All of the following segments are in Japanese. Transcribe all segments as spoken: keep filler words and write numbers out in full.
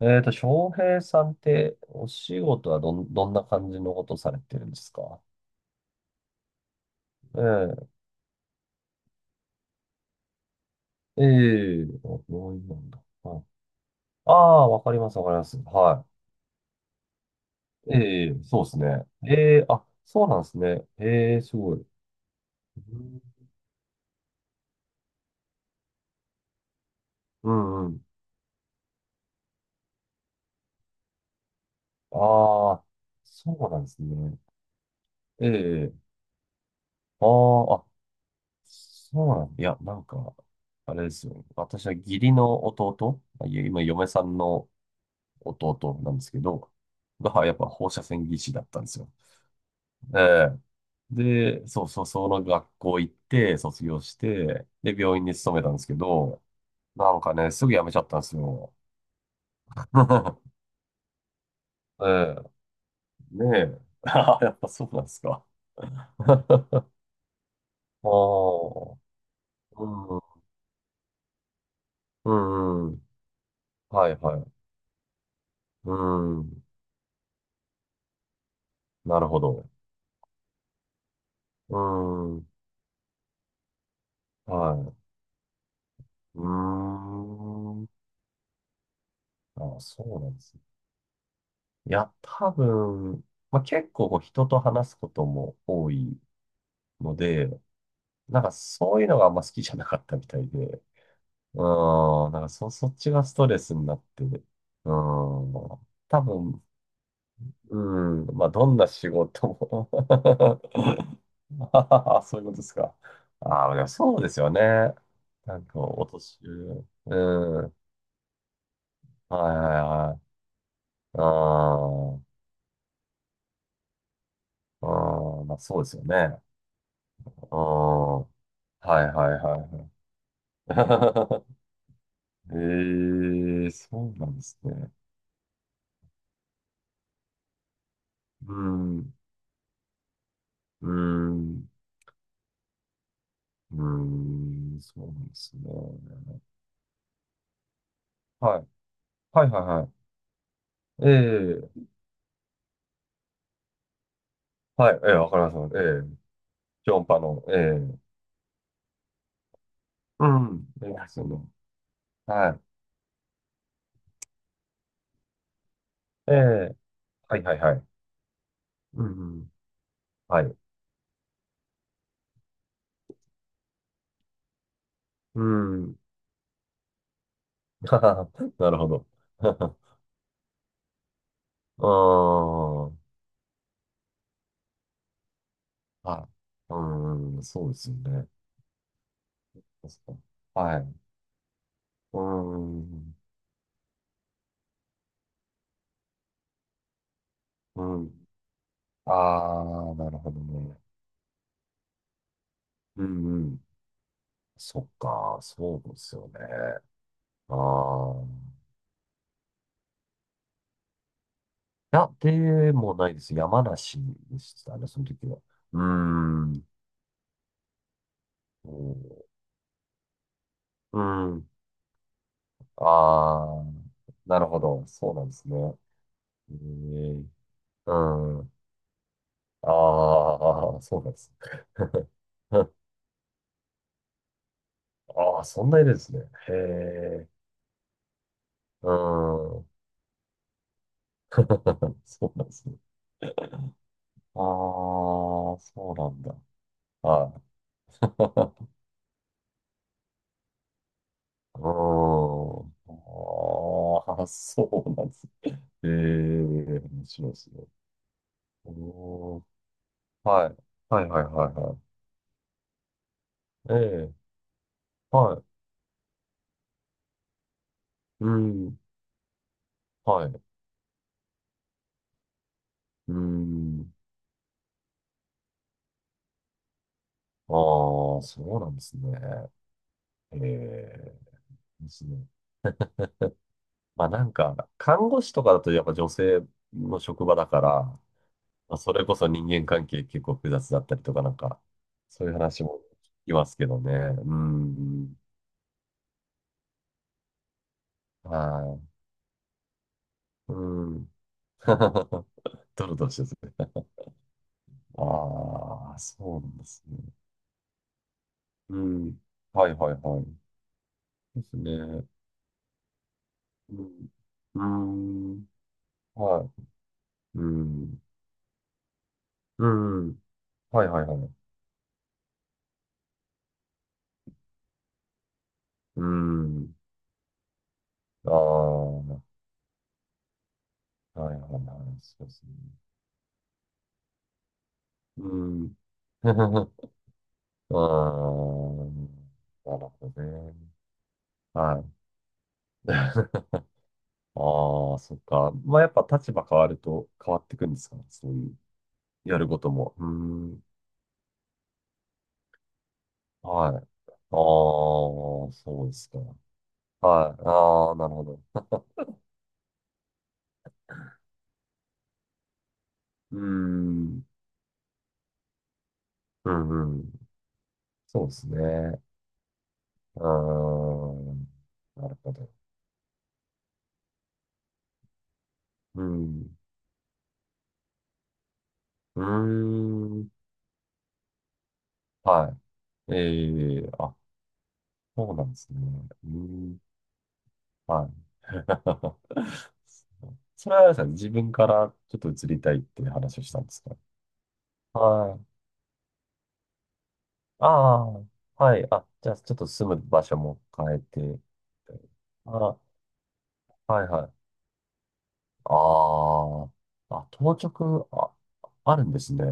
えっと、翔平さんって、お仕事はどん、どんな感じのことされてるんですか？ええ、ええ、あ、病院なんだ。はい、ああ、わかります、わかります。はい。ええ、そうですね。ええ、あ、そうなんですね。ええ、すごい。うん、うんうん。ああ、そうなんですね。ええ、ああ、あ、そうなん、いや、なんか、あれですよ。私は義理の弟、まあいや今、嫁さんの弟なんですけど、がはやっぱ放射線技師だったんですよ。ええ、で、そうそう、その学校行って、卒業して、で、病院に勤めたんですけど、なんかね、すぐ辞めちゃったんですよ。ええ、ねえ。あ、やっぱそうなんですか。ああ、うん、うんうん、はい、はい。うん、なるほど。うん、はい。うーん。あ、そうなんですね。いや、多分、まあ、結構こう人と話すことも多いので、なんかそういうのがあんま好きじゃなかったみたいで、うん、なんかそ、そっちがストレスになって、うん、多分、うん、まあどんな仕事も。 あ、そういうことですか。ああ、でもそうですよね。なんか、お年寄り、うん、はいはいはい。うん、うん、まあそうですよね。うん、はいはいはい。 ええ、そうなんですね。うん、うん、うん、そうなんですね。はい、はい、はい、はい。ええ、はい、ええ、わかります。ええ、ジョンパの、ええ、うん、ええ、その、はい、ええ、はい、はい、はい。うん、はい、うん、なるほど。うーん、はい、うーん、そうですよね。確かに。はい、うーん、うん。ああ、なるほどね。うんうん。そっか、そうですよね。ああ。いや、でもないです。山梨でしたね、その時は。うーん。おー、うん。ああ、なるほど。そうなんですね。えー、うん。ああ、そうなんです。ああ、そんな色ですね。へえ。うん。そうなんですね。ああ、そうなんだ。はい。あーあー、そうなんですね。ええ、面白いですね。おー、はい。はいはいはいはい。ええ、はい。うん。はい。うん。ああ、そうなんですね。ええ、ですね。まあなんか、看護師とかだとやっぱ女性の職場だから、まあ、それこそ人間関係結構複雑だったりとかなんか、そういう話も聞きますけどね。うん。はい。うん。ドロドロしてるんですね。ああ、そうなんですね。うん。はいはいはい。ですね。うん。うーん。はい。うん。うん。はいはいはい。うん。ああ、はいはいはい。そうですね。うん。ああ、なるほどね。はい。ああ、そっか。まあ、やっぱ立場変わると変わってくんですかね。そういう、やることも。うーん。はい。ああ、そうですか。はい。ああ、なるほど。うーん。うんうん。そうですね。うーん。なるほど。うん。うーん。はい。ええ、あ、そうなんですね。うーん。はい。それはあれですか、自分からちょっと移りたいっていう話をしたんですか？はい。ああ、はい。あ、じゃあ、ちょっと住む場所も変えて。あ、はいはい。ああ、あ、当直、あ、あるんですね。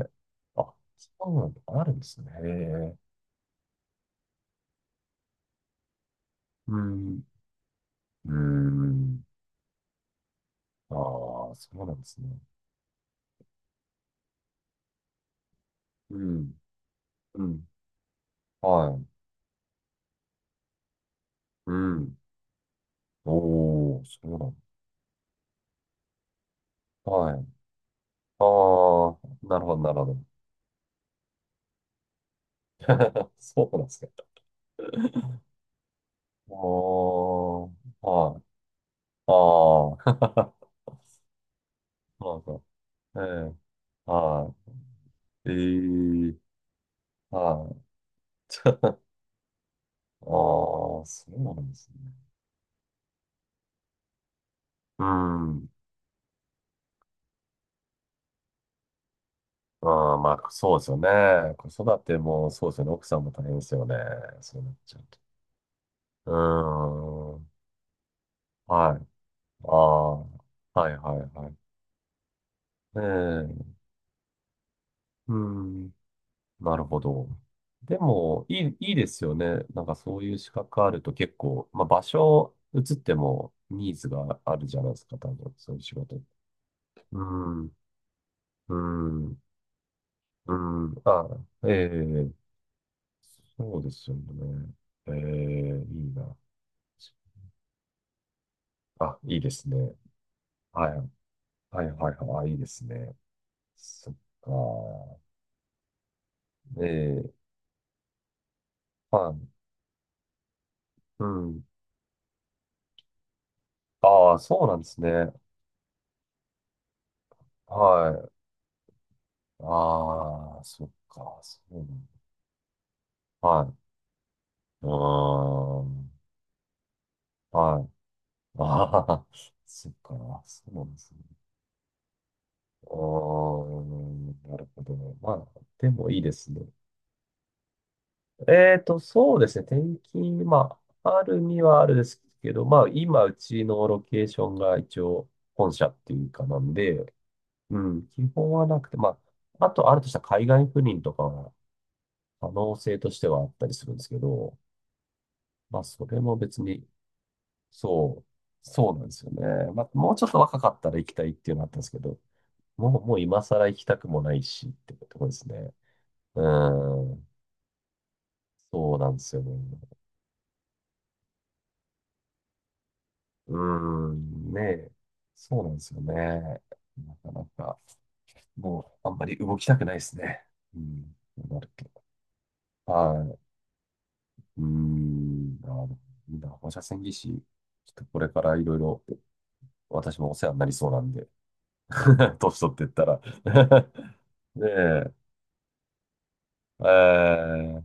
あ、そうなん、あるんですね。へえ。うん。うん。ああ、そうなんですね。うん。うん。はい。うん。お、お、そうなんだ。はい。ああ、なるほど、なるほど。そうなんですか。おー、はい。ああ、そうそう。ええ、はい。ええ、はい。ああ、そうなんですね。うん。ああ、まあ、そうですよね。子育てもそうですよね。奥さんも大変ですよね。そうなっちゃうと。うーん。はい。ああ、はいはいはい。ねえ。うん。なるほど。でも、いい、いいですよね。なんかそういう資格あると結構、まあ場所移ってもニーズがあるじゃないですか。多分、そういう仕事って。うん。うん。うん。ああ、ええ、そうですよね。ええ、いいな。あ、いいですね。はい。はいはいはい。あ、いいですね。そっか。ええ、はい。うん。ああ、そうなんですね。はい。ああ、そっか。そうなんだ。はい。うーん。はい。ああ、そっか。そうなんですね。うーん。なるほどね。まあ、でもいいですね。えっと、そうですね。転勤、まあ、あるにはあるですけど、まあ、今、うちのロケーションが一応、本社っていうかなんで、うん、基本はなくて、まあ、あと、あるとしたら海外赴任とかは、可能性としてはあったりするんですけど、まあ、それも別に、そう、そうなんですよね。まあ、もうちょっと若かったら行きたいっていうのはあったんですけど、もう、もう今更行きたくもないし、ってとこですね。うん、そうなんですよね。うーん、ねえ。そうなんですよね。なかなか、もう、あんまり動きたくないですね。うん、そうなると。はい。うーん、あの、みんな、放射線技師、ちょっとこれからいろいろ、私もお世話になりそうなんで、年取ってったら。 ねえ、えー、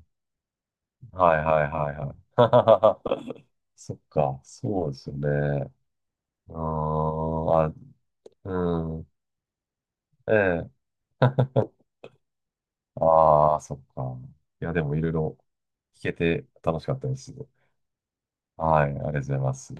はいはいはいはい。そっか、そうですよね。うーん、あ、うん、ええ。 ああ、そっか。いや、でもいろいろ聞けて楽しかったです。はい、ありがとうございます。